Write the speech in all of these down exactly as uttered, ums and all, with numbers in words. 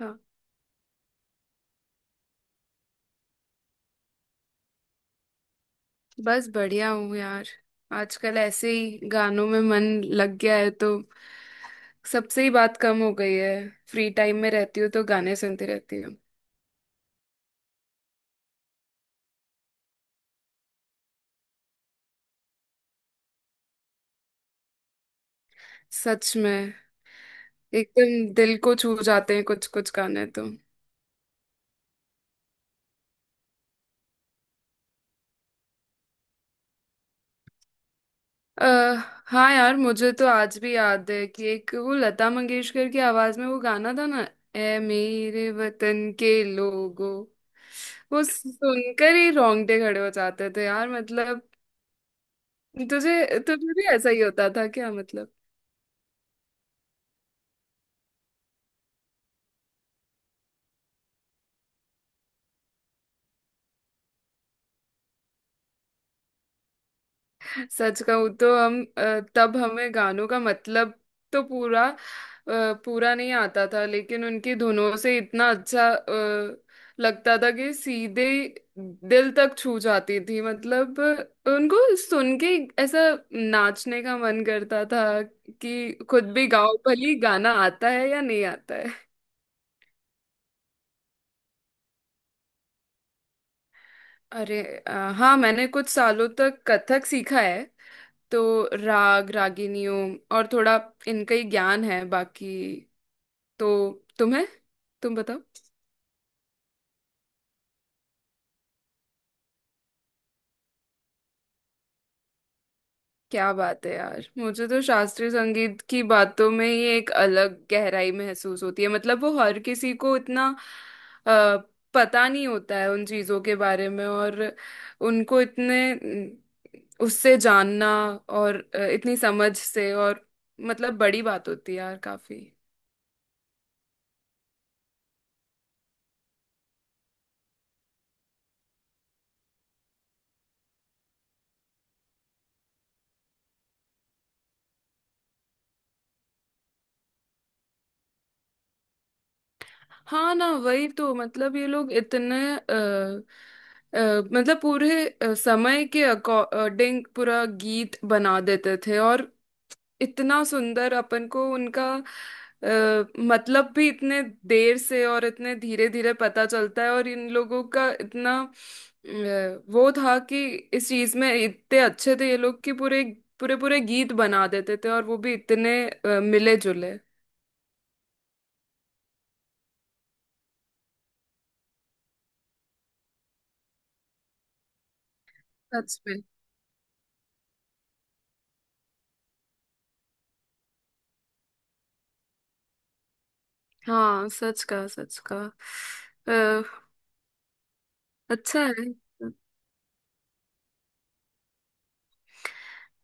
हाँ, बस बढ़िया हूँ यार। आजकल ऐसे ही गानों में मन लग गया है, तो सबसे ही बात कम हो गई है। फ्री टाइम में रहती हूँ तो गाने सुनती रहती हूँ। सच में, एकदम दिल को छू जाते हैं कुछ कुछ गाने तो। अह हाँ यार, मुझे तो आज भी याद है कि एक वो लता मंगेशकर की आवाज में वो गाना था ना, ए मेरे वतन के लोगों। वो सुनकर ही रोंगटे खड़े हो जाते थे यार, मतलब तुझे तुझे भी ऐसा ही होता था क्या, मतलब? सच कहूँ तो हम अ, तब हमें गानों का मतलब तो पूरा अ, पूरा नहीं आता था, लेकिन उनकी धुनों से इतना अच्छा अ, लगता था कि सीधे ही दिल तक छू जाती थी। मतलब अ, उनको सुन के ऐसा नाचने का मन करता था कि खुद भी गाओ, भली गाना आता है या नहीं आता है। अरे अ, हाँ, मैंने कुछ सालों तक कथक सीखा है, तो राग रागिनियों और थोड़ा इनका ही ज्ञान है बाकी। तो तुम्हें तुम बताओ। क्या बात है यार, मुझे तो शास्त्रीय संगीत की बातों में ही एक अलग गहराई महसूस होती है। मतलब वो हर किसी को इतना अ, पता नहीं होता है उन चीजों के बारे में, और उनको इतने अम, उससे जानना और अ, इतनी समझ से, और मतलब बड़ी बात होती है यार काफी। हाँ ना, वही तो, मतलब ये लोग इतने अ, अ, मतलब पूरे अ, समय के अकॉर्डिंग पूरा गीत बना देते थे, और इतना सुंदर अपन को उनका अ, मतलब भी इतने देर से और इतने धीरे धीरे पता चलता है, और इन लोगों का इतना अ, वो था कि इस चीज में इतने अच्छे थे ये लोग कि पूरे पूरे पूरे गीत बना देते थे, और वो भी इतने मिले जुले। सच। हाँ, सच का सच का। अ, अच्छा है।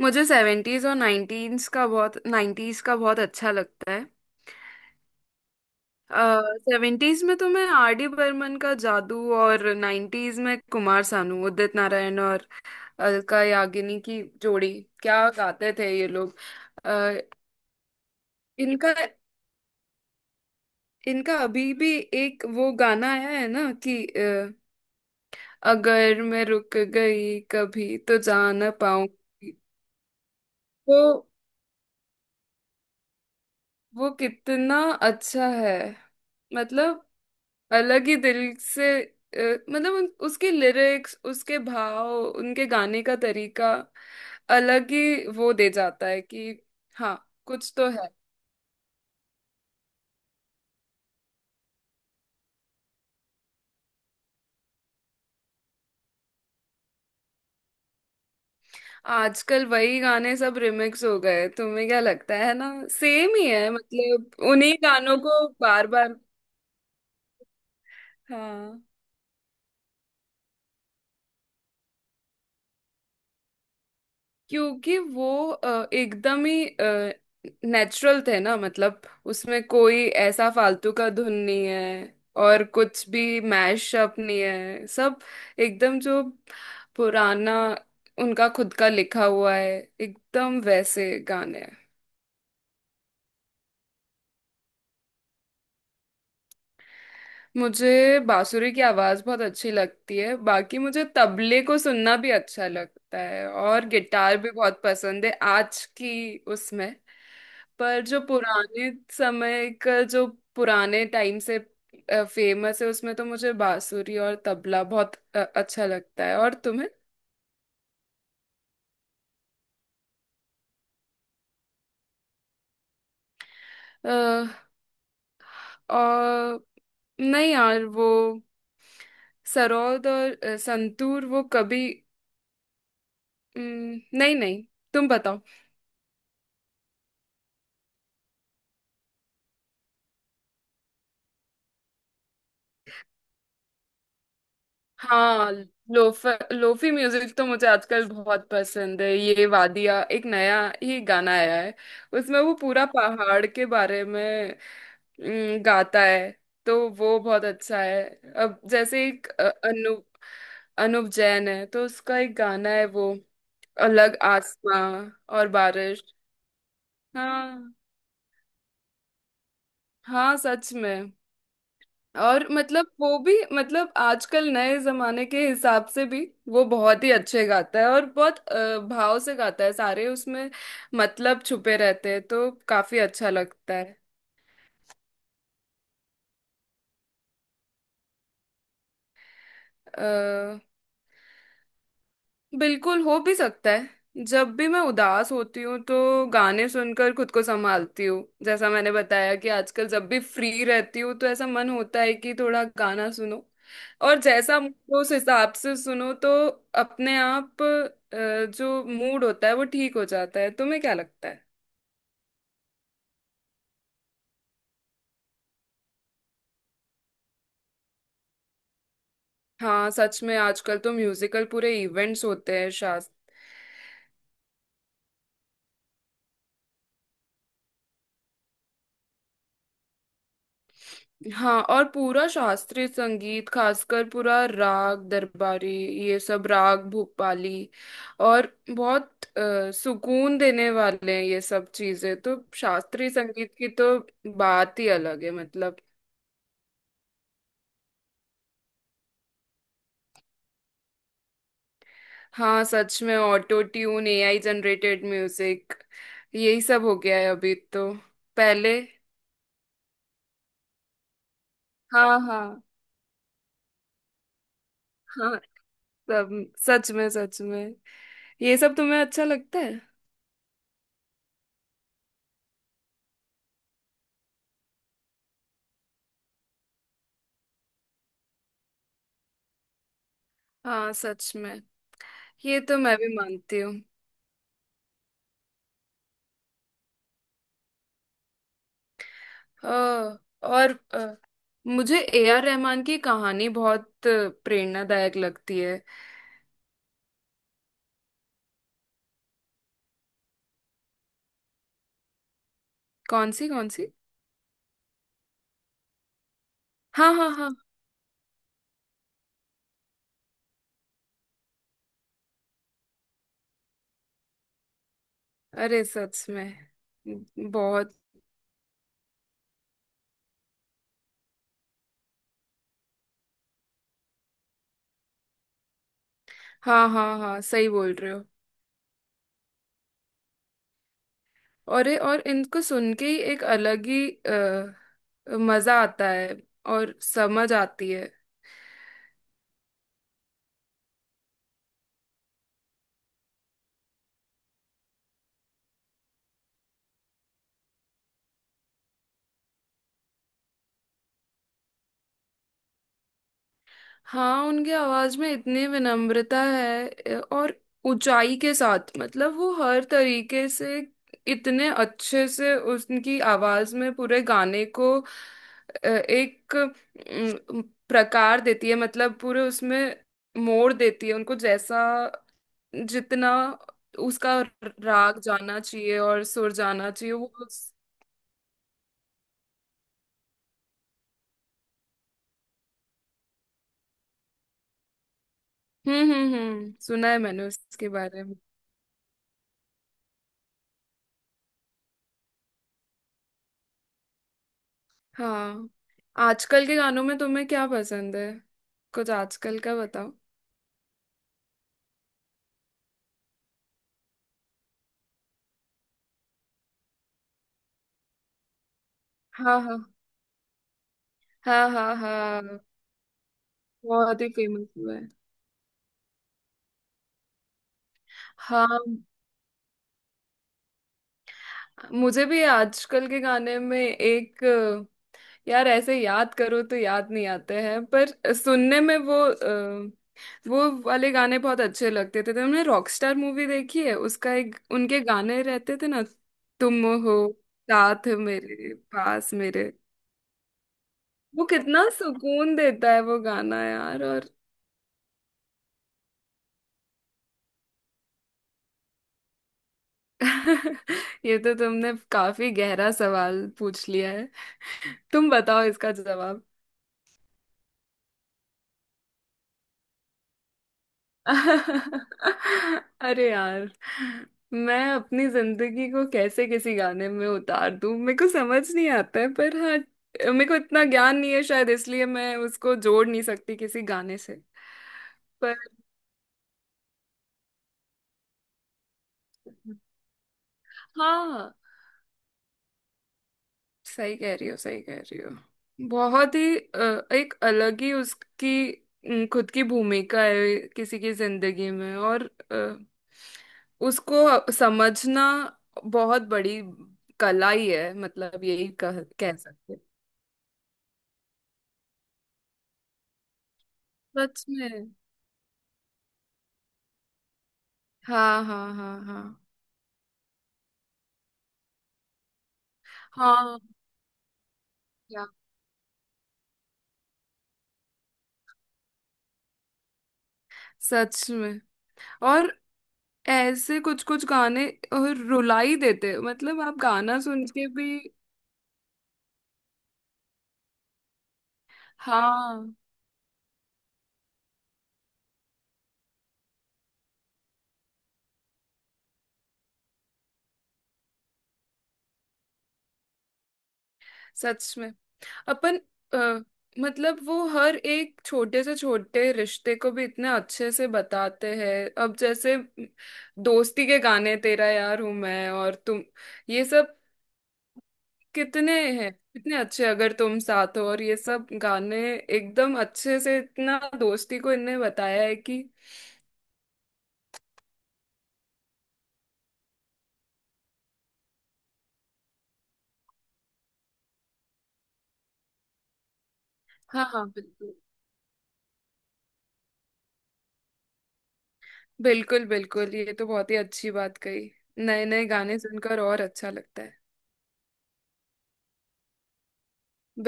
मुझे सेवेंटीज और नाइनटीन्स का बहुत नाइन्टीज का बहुत अच्छा लगता है। सेवेंटीज में तो मैं आर डी बर्मन का जादू, और नाइन्टीज में कुमार सानू, उदित नारायण और अलका याग्निक की जोड़ी, क्या गाते थे ये लोग। अ, इनका इनका अभी भी एक वो गाना आया है ना कि अ, अगर मैं रुक गई कभी तो जा ना पाऊंगी। वो वो कितना अच्छा है, मतलब अलग ही दिल से अ, मतलब उन- उसके लिरिक्स, उसके भाव, उनके गाने का तरीका अलग ही वो दे जाता है कि। हाँ, कुछ तो है। आजकल वही गाने सब रिमिक्स हो गए, तुम्हें क्या लगता है ना सेम ही है, मतलब उन्हीं गानों को बार बार। हाँ। क्योंकि वो अ, एकदम ही नेचुरल थे ना, मतलब उसमें कोई ऐसा फालतू का धुन नहीं है, और कुछ भी मैशअप नहीं है, सब एकदम जो पुराना उनका खुद का लिखा हुआ है, एकदम वैसे गाने। मुझे बांसुरी की आवाज बहुत अच्छी लगती है, बाकी मुझे तबले को सुनना भी अच्छा लगता है, और गिटार भी बहुत पसंद है आज की उसमें। पर जो पुराने समय का, जो पुराने टाइम से फेमस है, उसमें तो मुझे बांसुरी और तबला बहुत अ, अच्छा लगता है। और तुम्हें? अ, और नहीं यार, वो सरोद और अ, संतूर वो कभी अम, नहीं नहीं। तुम बताओ। हाँ, लोफ लोफी म्यूजिक तो मुझे आजकल बहुत पसंद है। ये वादिया, एक नया ही गाना आया है, उसमें वो पूरा पहाड़ के बारे में अम, गाता है, तो वो बहुत अच्छा है। अब जैसे एक अ, अनु अनुप जैन है, तो उसका एक गाना है वो, अलग आसमां और बारिश। हाँ, हाँ, सच में। और मतलब वो भी, मतलब आजकल नए जमाने के हिसाब से भी वो बहुत ही अच्छे गाता है, और बहुत अ, भाव से गाता है सारे, उसमें मतलब छुपे रहते हैं, तो काफी अच्छा लगता है। बिल्कुल, हो भी सकता है। जब भी मैं उदास होती हूँ तो गाने सुनकर खुद को संभालती हूँ, जैसा मैंने बताया कि आजकल जब भी फ्री रहती हूँ तो ऐसा मन होता है कि थोड़ा गाना सुनो, और जैसा मूड हो उस हिसाब से सुनो, तो अपने आप अ, जो मूड होता है वो ठीक हो जाता है। तुम्हें क्या लगता है? हाँ, सच में, आजकल तो म्यूजिकल पूरे इवेंट्स होते हैं शायद। हाँ, और पूरा शास्त्रीय संगीत, खासकर पूरा राग दरबारी, ये सब, राग भूपाली और, बहुत अ, सुकून देने वाले हैं ये सब चीजें। तो शास्त्रीय संगीत की तो बात ही अलग है, मतलब। हाँ सच में, auto tune, AI generated music, यही सब हो गया है अभी तो। पहले, हाँ, हाँ, हाँ। सब, सच में, सच में। ये सब तुम्हें अच्छा लगता है। हाँ, सच में, ये तो मैं भी मानती हूँ। अ, और अ, मुझे ए आर रहमान की कहानी बहुत प्रेरणादायक लगती है। कौन सी कौन सी? हाँ, हाँ, हाँ। अरे, सच में। बहुत। हाँ, हाँ, हाँ, सही बोल रहे हो। अरे, और इनको सुन के ही एक अलग ही अ, मजा आता है, और समझ आती है। हाँ, उनकी आवाज में इतनी विनम्रता है अ, और ऊंचाई के साथ, मतलब वो हर तरीके से इतने अच्छे से उनकी आवाज में पूरे गाने को अ, एक अम, प्रकार देती है, मतलब पूरे उसमें मोड़ देती है उनको, जैसा जितना उसका राग जाना चाहिए और सुर जाना चाहिए, वो उस- हम्म, हम्म, हम्म, सुना है मैंने उसके बारे में। हाँ, आजकल के गानों में तुम्हें क्या पसंद है? कुछ आजकल का बताओ। हाँ, हाँ, हाँ, हाँ, हाँ, बहुत ही फेमस हुआ है। हाँ, मुझे भी आजकल के गाने में एक अ, यार, ऐसे याद करो तो याद नहीं आते हैं, पर सुनने में वो अ, वो वाले गाने बहुत अच्छे लगते थे। तुमने रॉकस्टार मूवी देखी है, उसका एक, उनके गाने रहते थे ना, तुम हो साथ मेरे पास मेरे। वो कितना सुकून देता है वो गाना यार, और ये तो तुमने काफी गहरा सवाल पूछ लिया है। तुम बताओ इसका जवाब। अरे यार, मैं अपनी जिंदगी को कैसे किसी गाने में उतार दूं, मेरे को समझ नहीं आता है। पर हाँ, मेरे को इतना ज्ञान नहीं है शायद, इसलिए मैं उसको जोड़ नहीं सकती किसी गाने से। पर हाँ, सही कह रही हो, सही कह रही हो। बहुत ही अ, एक अलग ही उसकी अम, खुद की भूमिका है किसी की जिंदगी में, और अ, उसको समझना बहुत बड़ी कला ही है, मतलब यही कह, कह सकते हैं। सच में। हाँ, हाँ, हाँ, हाँ, हाँ। क्या? सच में। और ऐसे कुछ कुछ गाने और रुला ही देते हैं। मतलब आप गाना सुन के भी, हाँ सच में, अपन अ, मतलब वो हर एक छोटे से छोटे रिश्ते को भी इतने अच्छे से बताते हैं। अब जैसे दोस्ती के गाने, तेरा यार हूं मैं, और तुम, ये सब, कितने हैं, कितने अच्छे, अगर तुम साथ हो, और ये सब गाने एकदम अच्छे से, इतना दोस्ती को इनने बताया है कि। हाँ, हाँ, बिल्कुल। बिल्कुल, बिल्कुल, ये तो बहुत ही अच्छी बात कही। नए नए गाने सुनकर और अच्छा लगता है।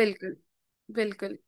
बिल्कुल, बिल्कुल।